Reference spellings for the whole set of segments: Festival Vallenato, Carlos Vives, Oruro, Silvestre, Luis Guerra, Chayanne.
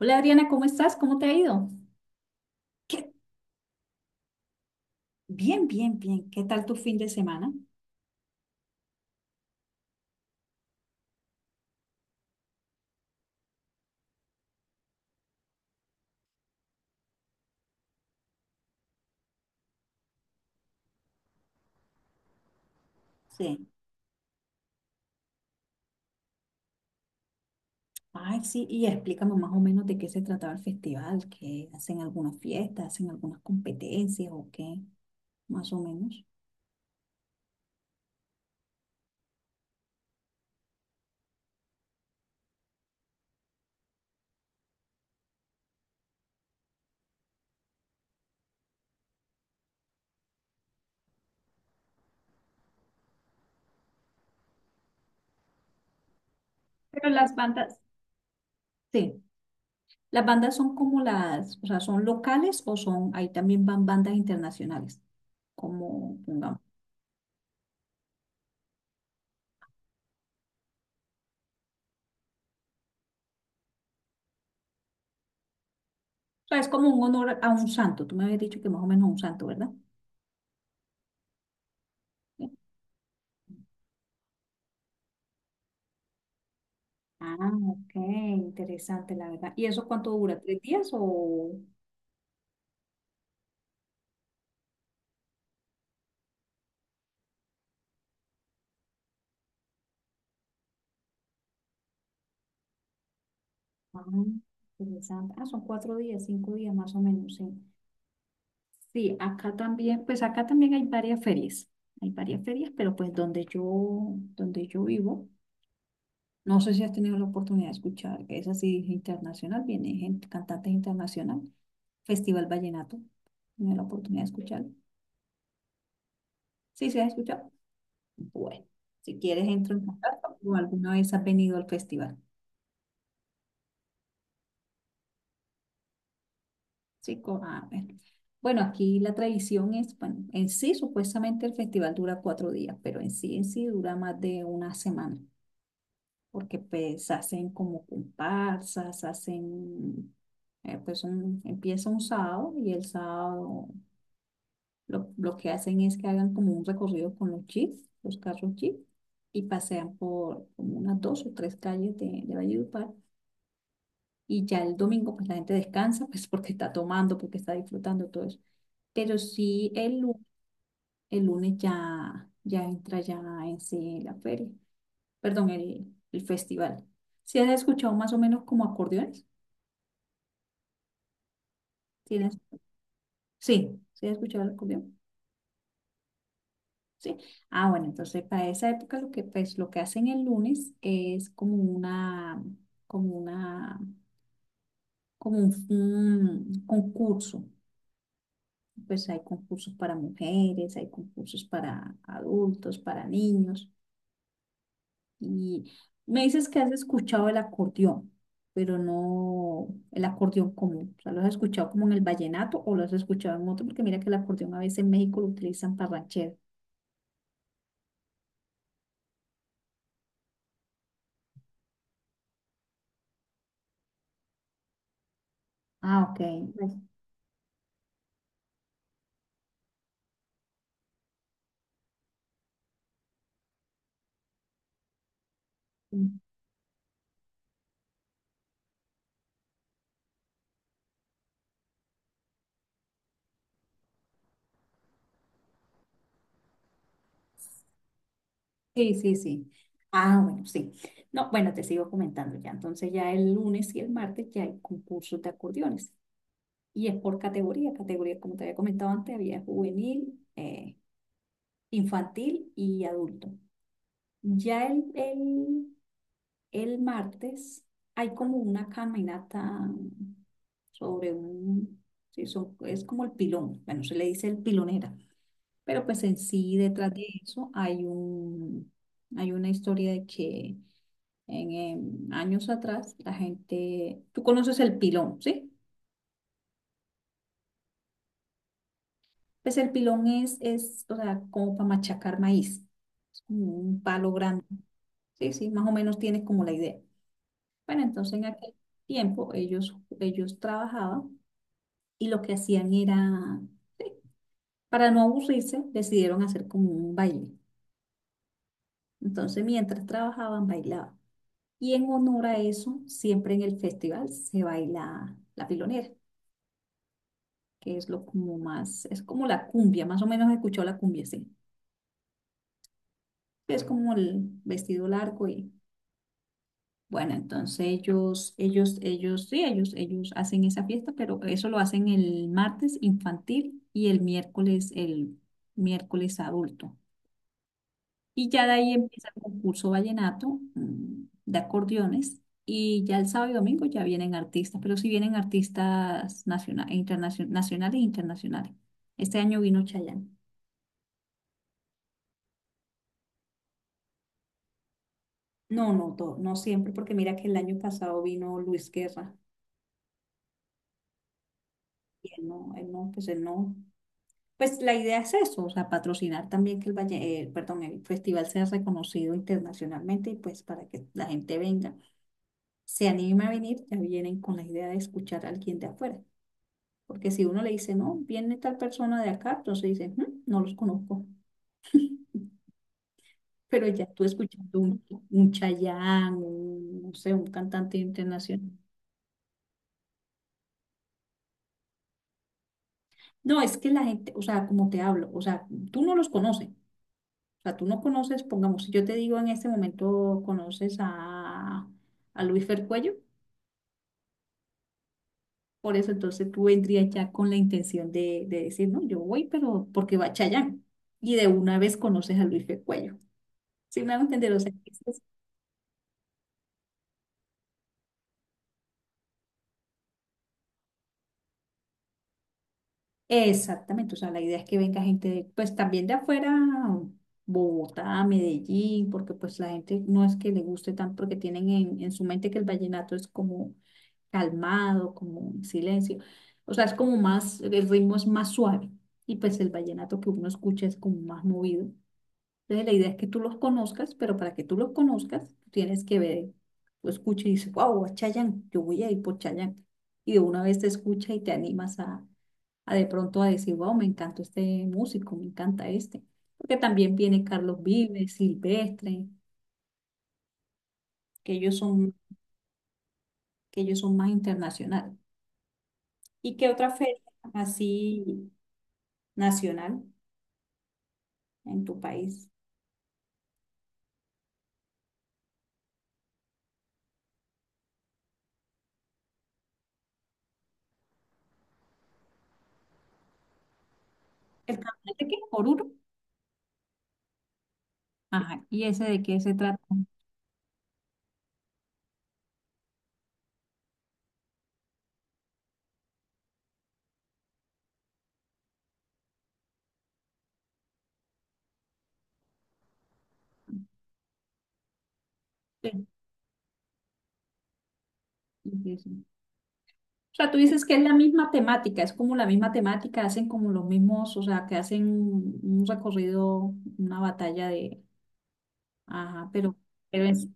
Hola Adriana, ¿cómo estás? ¿Cómo te ha ido? ¿Qué? Bien, bien, bien. ¿Qué tal tu fin de semana? Sí. Ay, sí, y explícame más o menos de qué se trataba el festival, que hacen algunas fiestas, hacen algunas competencias o qué, más o menos. Pero las bandas, sí, las bandas son como las, o sea, son locales o son, ahí también van bandas internacionales, como, pongamos, o sea, es como un honor a un santo, tú me habías dicho que más o menos a un santo, ¿verdad? Ah, ok, interesante, la verdad. ¿Y eso cuánto dura? ¿Tres días o...? Ah, interesante. Ah, son cuatro días, cinco días más o menos, sí. Sí, acá también, pues acá también hay varias ferias. Hay varias ferias, pero pues donde yo vivo, no sé si has tenido la oportunidad de escuchar, que es así internacional, viene gente, cantantes internacional, Festival Vallenato. Tenido la oportunidad de escuchar. Sí, se ha escuchado. Bueno, si quieres entro en contacto o alguna vez has venido al festival. Sí, ah, bueno. Bueno, aquí la tradición es, bueno, en sí supuestamente el festival dura cuatro días, pero en sí dura más de una semana, porque pues hacen como comparsas, hacen, pues empieza un sábado y el sábado lo que hacen es que hagan como un recorrido con los jeeps, los carros jeep, y pasean por como unas dos o tres calles de Valledupar y ya el domingo pues la gente descansa pues porque está tomando, porque está disfrutando todo eso. Pero sí el, el lunes ya, ya entra ya en sí la feria, perdón, el festival. ¿Sí has escuchado más o menos como acordeones? ¿Sí, sí, sí has escuchado el acordeón? Sí. Ah, bueno, entonces para esa época lo que pues lo que hacen el lunes es como una como un concurso, pues hay concursos para mujeres, hay concursos para adultos, para niños. Y me dices que has escuchado el acordeón, pero no el acordeón común. O sea, ¿lo has escuchado como en el vallenato o lo has escuchado en otro? Porque mira que el acordeón a veces en México lo utilizan para ranchero. Ah, ok. Pues, sí, sí, sí. Ah, bueno, sí. No, bueno, te sigo comentando ya. Entonces ya el lunes y el martes ya hay concursos de acordeones. Y es por categoría. Categoría, como te había comentado antes, había juvenil, infantil y adulto. Ya el martes hay como una caminata sobre un, sí, es como el pilón, bueno, se le dice el pilonera, pero pues en sí detrás de eso hay un, hay una historia de que en, años atrás la gente, tú conoces el pilón, ¿sí? Pues el pilón es, o sea, como para machacar maíz, es como un palo grande, sí, sí, más o menos tienes como la idea. Bueno, entonces en aquel tiempo ellos trabajaban y lo que hacían era, para no aburrirse, decidieron hacer como un baile. Entonces mientras trabajaban, bailaban. Y en honor a eso, siempre en el festival se baila la pilonera, que es lo como más, es como la cumbia, más o menos escuchó la cumbia, sí. Es como el vestido largo y bueno, entonces ellos hacen esa fiesta, pero eso lo hacen el martes infantil y el miércoles adulto. Y ya de ahí empieza el concurso vallenato, de acordeones, y ya el sábado y domingo ya vienen artistas, pero sí vienen artistas nacionales, nacionales e internacionales. Este año vino Chayanne. No, no, no siempre, porque mira que el año pasado vino Luis Guerra, y él no, pues él no. Pues la idea es eso, o sea, patrocinar también que el valle, perdón, el festival sea reconocido internacionalmente y pues para que la gente venga, se anime a venir, ya vienen con la idea de escuchar a alguien de afuera. Porque si uno le dice, no, viene tal persona de acá, entonces dice, "Mm, no los conozco. Pero ya tú escuchando un Chayanne, un, no sé, un cantante internacional. No, es que la gente, o sea, como te hablo, o sea, tú no los conoces, o sea, tú no conoces, pongamos, si yo te digo en este momento conoces a Luis Fercuello, por eso entonces tú vendrías ya con la intención de decir, no, yo voy, pero porque va Chayán. Y de una vez conoces a Luis Fercuello. ¿Sí me hago entender? O sea, exactamente, o sea, la idea es que venga gente, de, pues también de afuera, Bogotá, Medellín, porque pues la gente no es que le guste tanto, porque tienen en su mente que el vallenato es como calmado, como en silencio, o sea, es como más, el ritmo es más suave, y pues el vallenato que uno escucha es como más movido. Entonces, la idea es que tú los conozcas, pero para que tú los conozcas, tú tienes que ver, tú escuchas y dices, wow, a Chayanne, yo voy a ir por Chayanne. Y de una vez te escucha y te animas a de pronto a decir, wow, me encanta este músico, me encanta este. Porque también viene Carlos Vives, Silvestre, que ellos son, que ellos son más internacionales. ¿Y qué otra feria así nacional en tu país? ¿El carnaval de qué? ¿Oruro? Ajá. ¿Y ese de qué se trata? Sí, sí, sí. O sea, tú dices que es la misma temática, es como la misma temática, hacen como los mismos, o sea, que hacen un recorrido, una batalla de, ajá, pero es,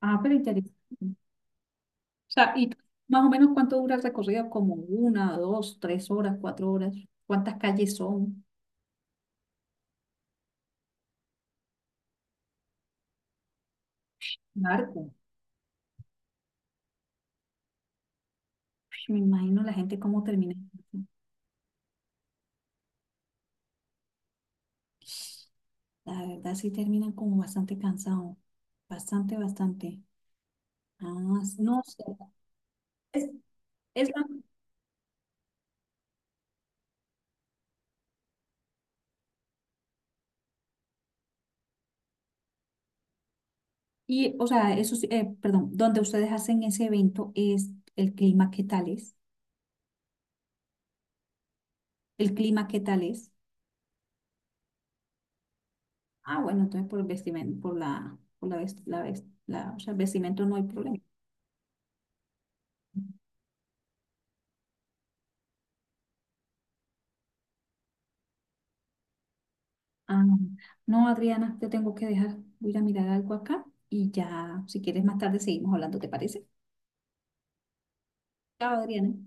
ajá, pero interesante. O sea, y más o menos cuánto dura el recorrido, como una, dos, tres horas, cuatro horas, cuántas calles son, largo. Uy, me imagino la gente cómo termina. La verdad sí terminan como bastante cansados, bastante, bastante. Ah, no sé. Es, es la- Y, o sea, eso, sí, perdón, donde ustedes hacen ese evento es el clima, ¿qué tal es? El clima, ¿qué tal es? Ah, bueno, entonces por el vestimenta, por la, o sea, el vestimenta no hay problema. Ah, no, Adriana, te tengo que dejar. Voy a ir a mirar algo acá y ya, si quieres más tarde seguimos hablando, ¿te parece? Chao, Adriana.